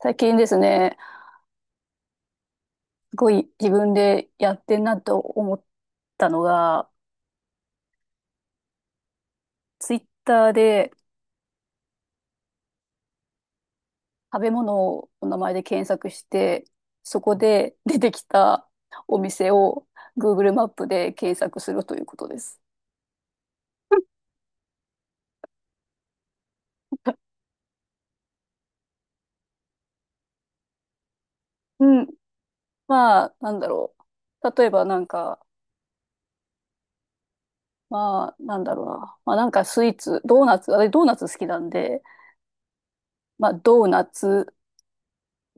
最近ですね、すごい自分でやってんなと思ったのが、ツイッターで食べ物をお名前で検索して、そこで出てきたお店を Google マップで検索するということです。うん。まあ、なんだろう。例えばなんか、まあ、なんだろうな。まあなんかスイーツ、ドーナツ、あれドーナツ好きなんで、まあドーナツ、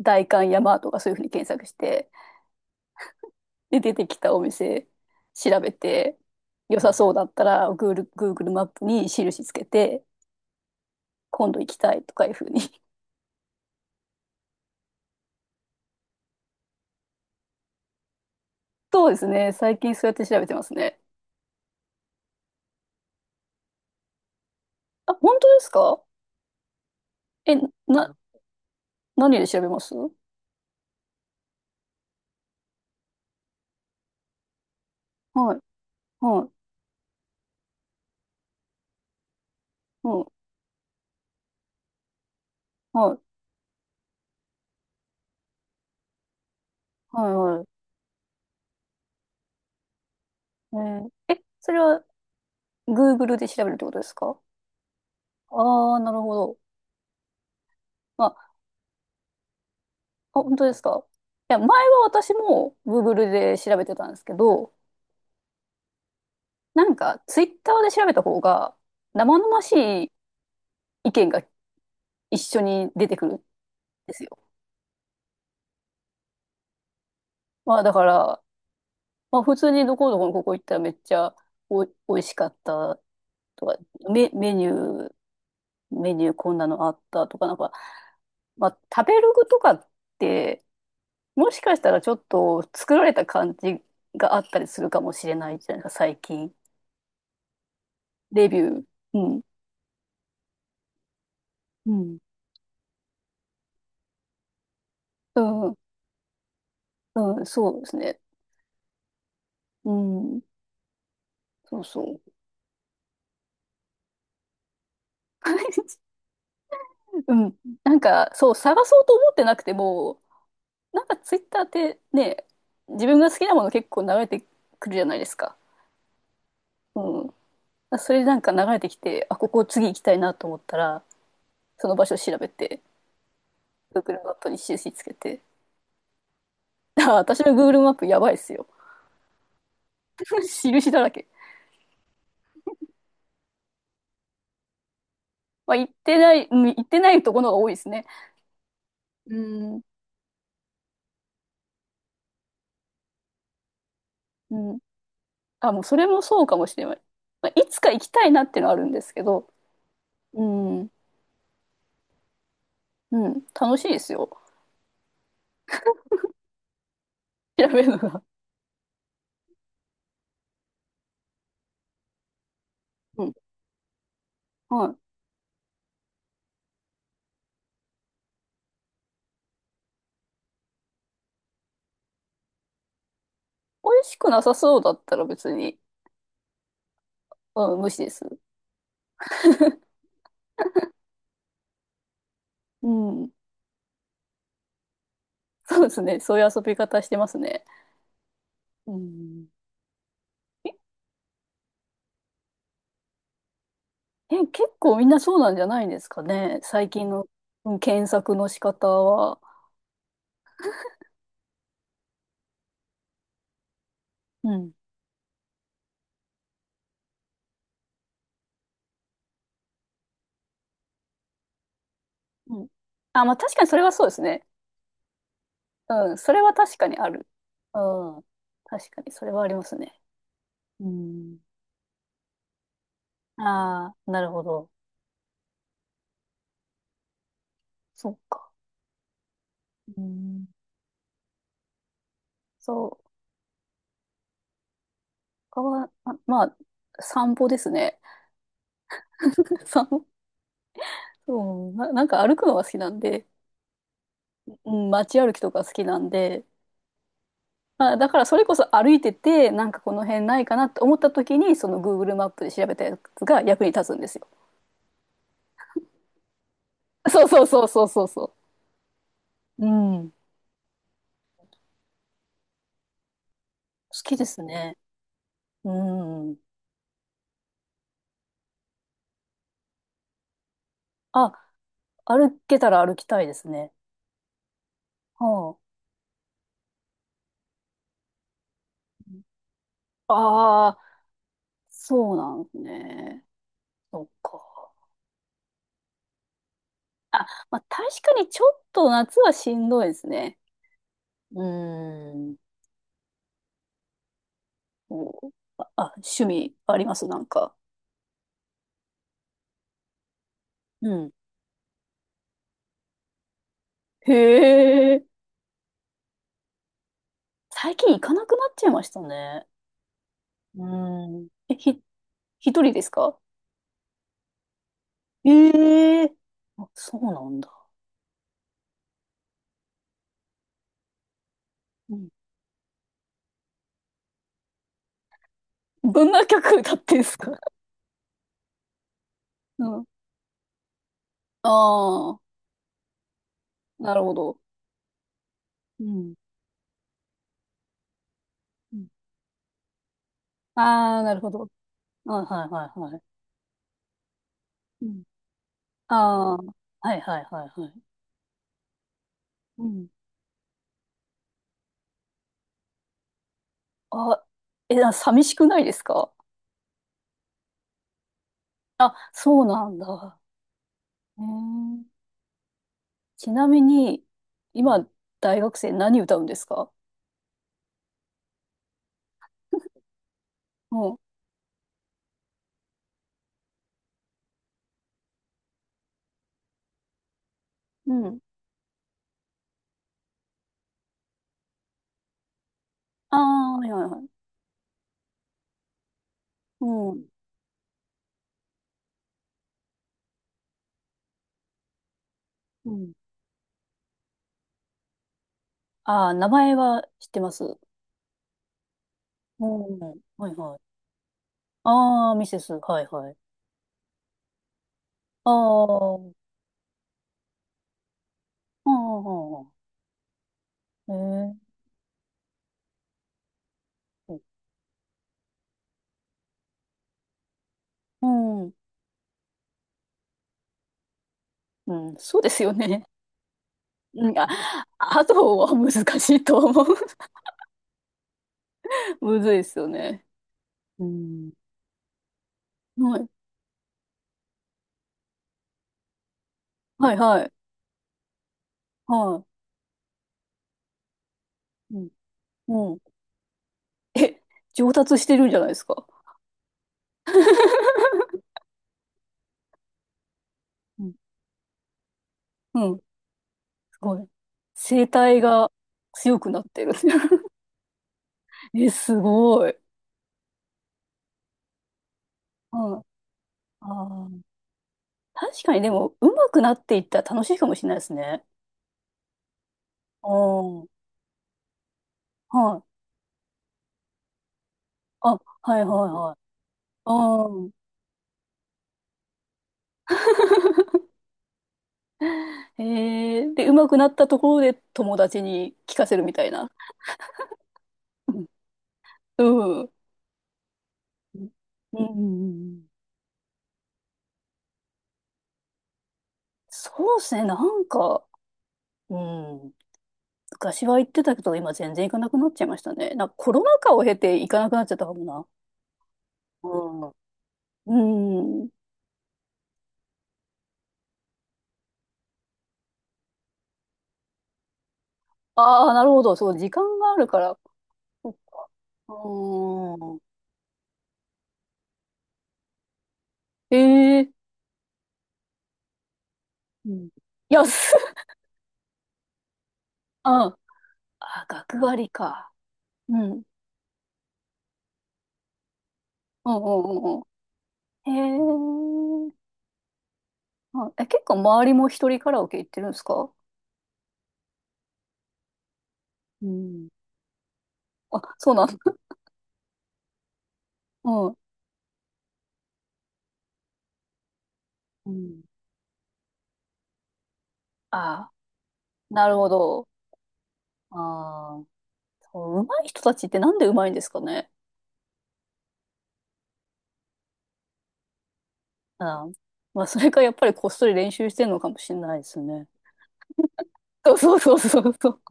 代官山とかそういうふうに検索して、で、出てきたお店調べて、良さそうだったら、Google マップに印つけて、今度行きたいとかいうふうに。そうですね。最近そうやって調べてますね。あ、本当ですか？え、な、何で調べます？はい、はい、うん、はい、はい、はい。えーえ、それは Google で調べるってことですか？ああー、なるほど。まあ、あ、本当ですか？いや、前は私も Google で調べてたんですけど、なんか、ツイッターで調べた方が、生々しい意見が一緒に出てくるんですよ。まあ、だから、まあ、普通にどこどこのここ行ったらめっちゃ美味しかったとか、メ、メニュー、メニューこんなのあったとか、なんか、まあ、食べログとかって、もしかしたらちょっと作られた感じがあったりするかもしれないじゃないですか、最近。レビュー。うん。うん。うん。うん、そうですね。うん。そうそう。うん。なんか、そう、探そうと思ってなくても、なんかツイッターってね、自分が好きなもの結構流れてくるじゃないですか。うん。それでなんか流れてきて、あ、ここ次行きたいなと思ったら、その場所を調べて、Google マップに印つけて。あ、私の Google マップやばいっすよ。印だらけ。まあ、行ってないところが多いですね。うん。うん。あ、もうそれもそうかもしれない。まあ、いつか行きたいなっていうのはあるんですけど、うん。うん。楽しいですよ。調べるのが。うん。はい。美味しくなさそうだったら別に、うん、無視です。うん。そうですね。そういう遊び方してますね。うん。え、結構みんなそうなんじゃないんですかね。最近の、うん、検索の仕方は。うん。うん。あ、まあ確かにそれはそうですね。うん。それは確かにある。うん。確かにそれはありますね。うん。ああ、なるほど。そっか。うん。そう。他は、あ、まあ、散歩ですね。散歩。そう、なんか歩くのが好きなんで、うん、街歩きとか好きなんで、まあ、だからそれこそ歩いてて、なんかこの辺ないかなって思った時に、その Google マップで調べたやつが役に立つんですよ。そうそうそうそうそうそう。うん。好きですね。うん。あ、歩けたら歩きたいですね。はあ。ああ、そうなんですね。そっか。あ、まあ確かにちょっと夏はしんどいですね。うん。おあ、あ、趣味ありますなんか？うん。へえ。最近行かなくなっちゃいましたね。うん。え、一人ですか？ええ。あ、そうなんだ。うん。どんな曲歌ってんすか？うん。ああ、なるほど。うん。うん。ああー、なるほど。あ、はいはいはい。うん。ああ、はいはいはいはい。うん。あ、え、寂しくないですか？あ、そうなんだ。へえ。ちなみに、今、大学生何歌うんですか？うん。うん。ああ、はいはいはい。うん。うん。ああ、名前は知ってます。うん。はいはい。ああ、ミセス。はいはい。ああ、うんうんうんうん。えー。うん。うん。そうですよね。うん。あ、あとは難しいと思う。むずいですよね。うん。はい。はいはい。はい。うん。うん。え、上達してるんじゃないですか？うん、うん。すごい。声帯が強くなってる。え、すごい。うん。あー、確かにでも、上手くなっていったら楽しいかもしれないですね。うん。はい。あ、はいはいはい。うん。で、上手くなったところで友達に聞かせるみたいな。うん。うん。うん。そうですね、なんか、うん。昔は行ってたけど、今全然行かなくなっちゃいましたね。なんかコロナ禍を経て行かなくなっちゃったかもな。うん。うん。ああ、なるほど。そう、時間があるから。うん。ええ。うん。安っ。うん。あ、学割か。うん。うんうんうんうん。へえ。あ、え、結構周りも一人カラオケ行ってるんですか？うん。あ、そうなんだ。うん。うん。ああ、なるほど。ああ、そう、上手い人たちってなんで上手いんですかね。うん。まあ、それかやっぱりこっそり練習してるのかもしれないですね。そうそうそうそうそう。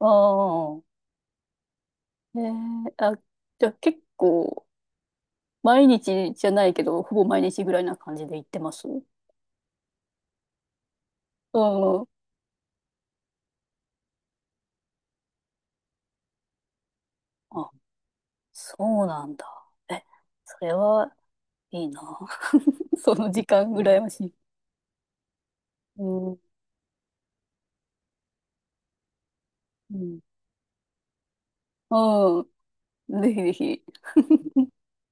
ああ。あ、じゃあ結構、毎日じゃないけど、ほぼ毎日ぐらいな感じで行ってます？うん。あ、そうなんだ。え、それはいいな。その時間羨ましい。うん。うん。うん。ぜひぜひ。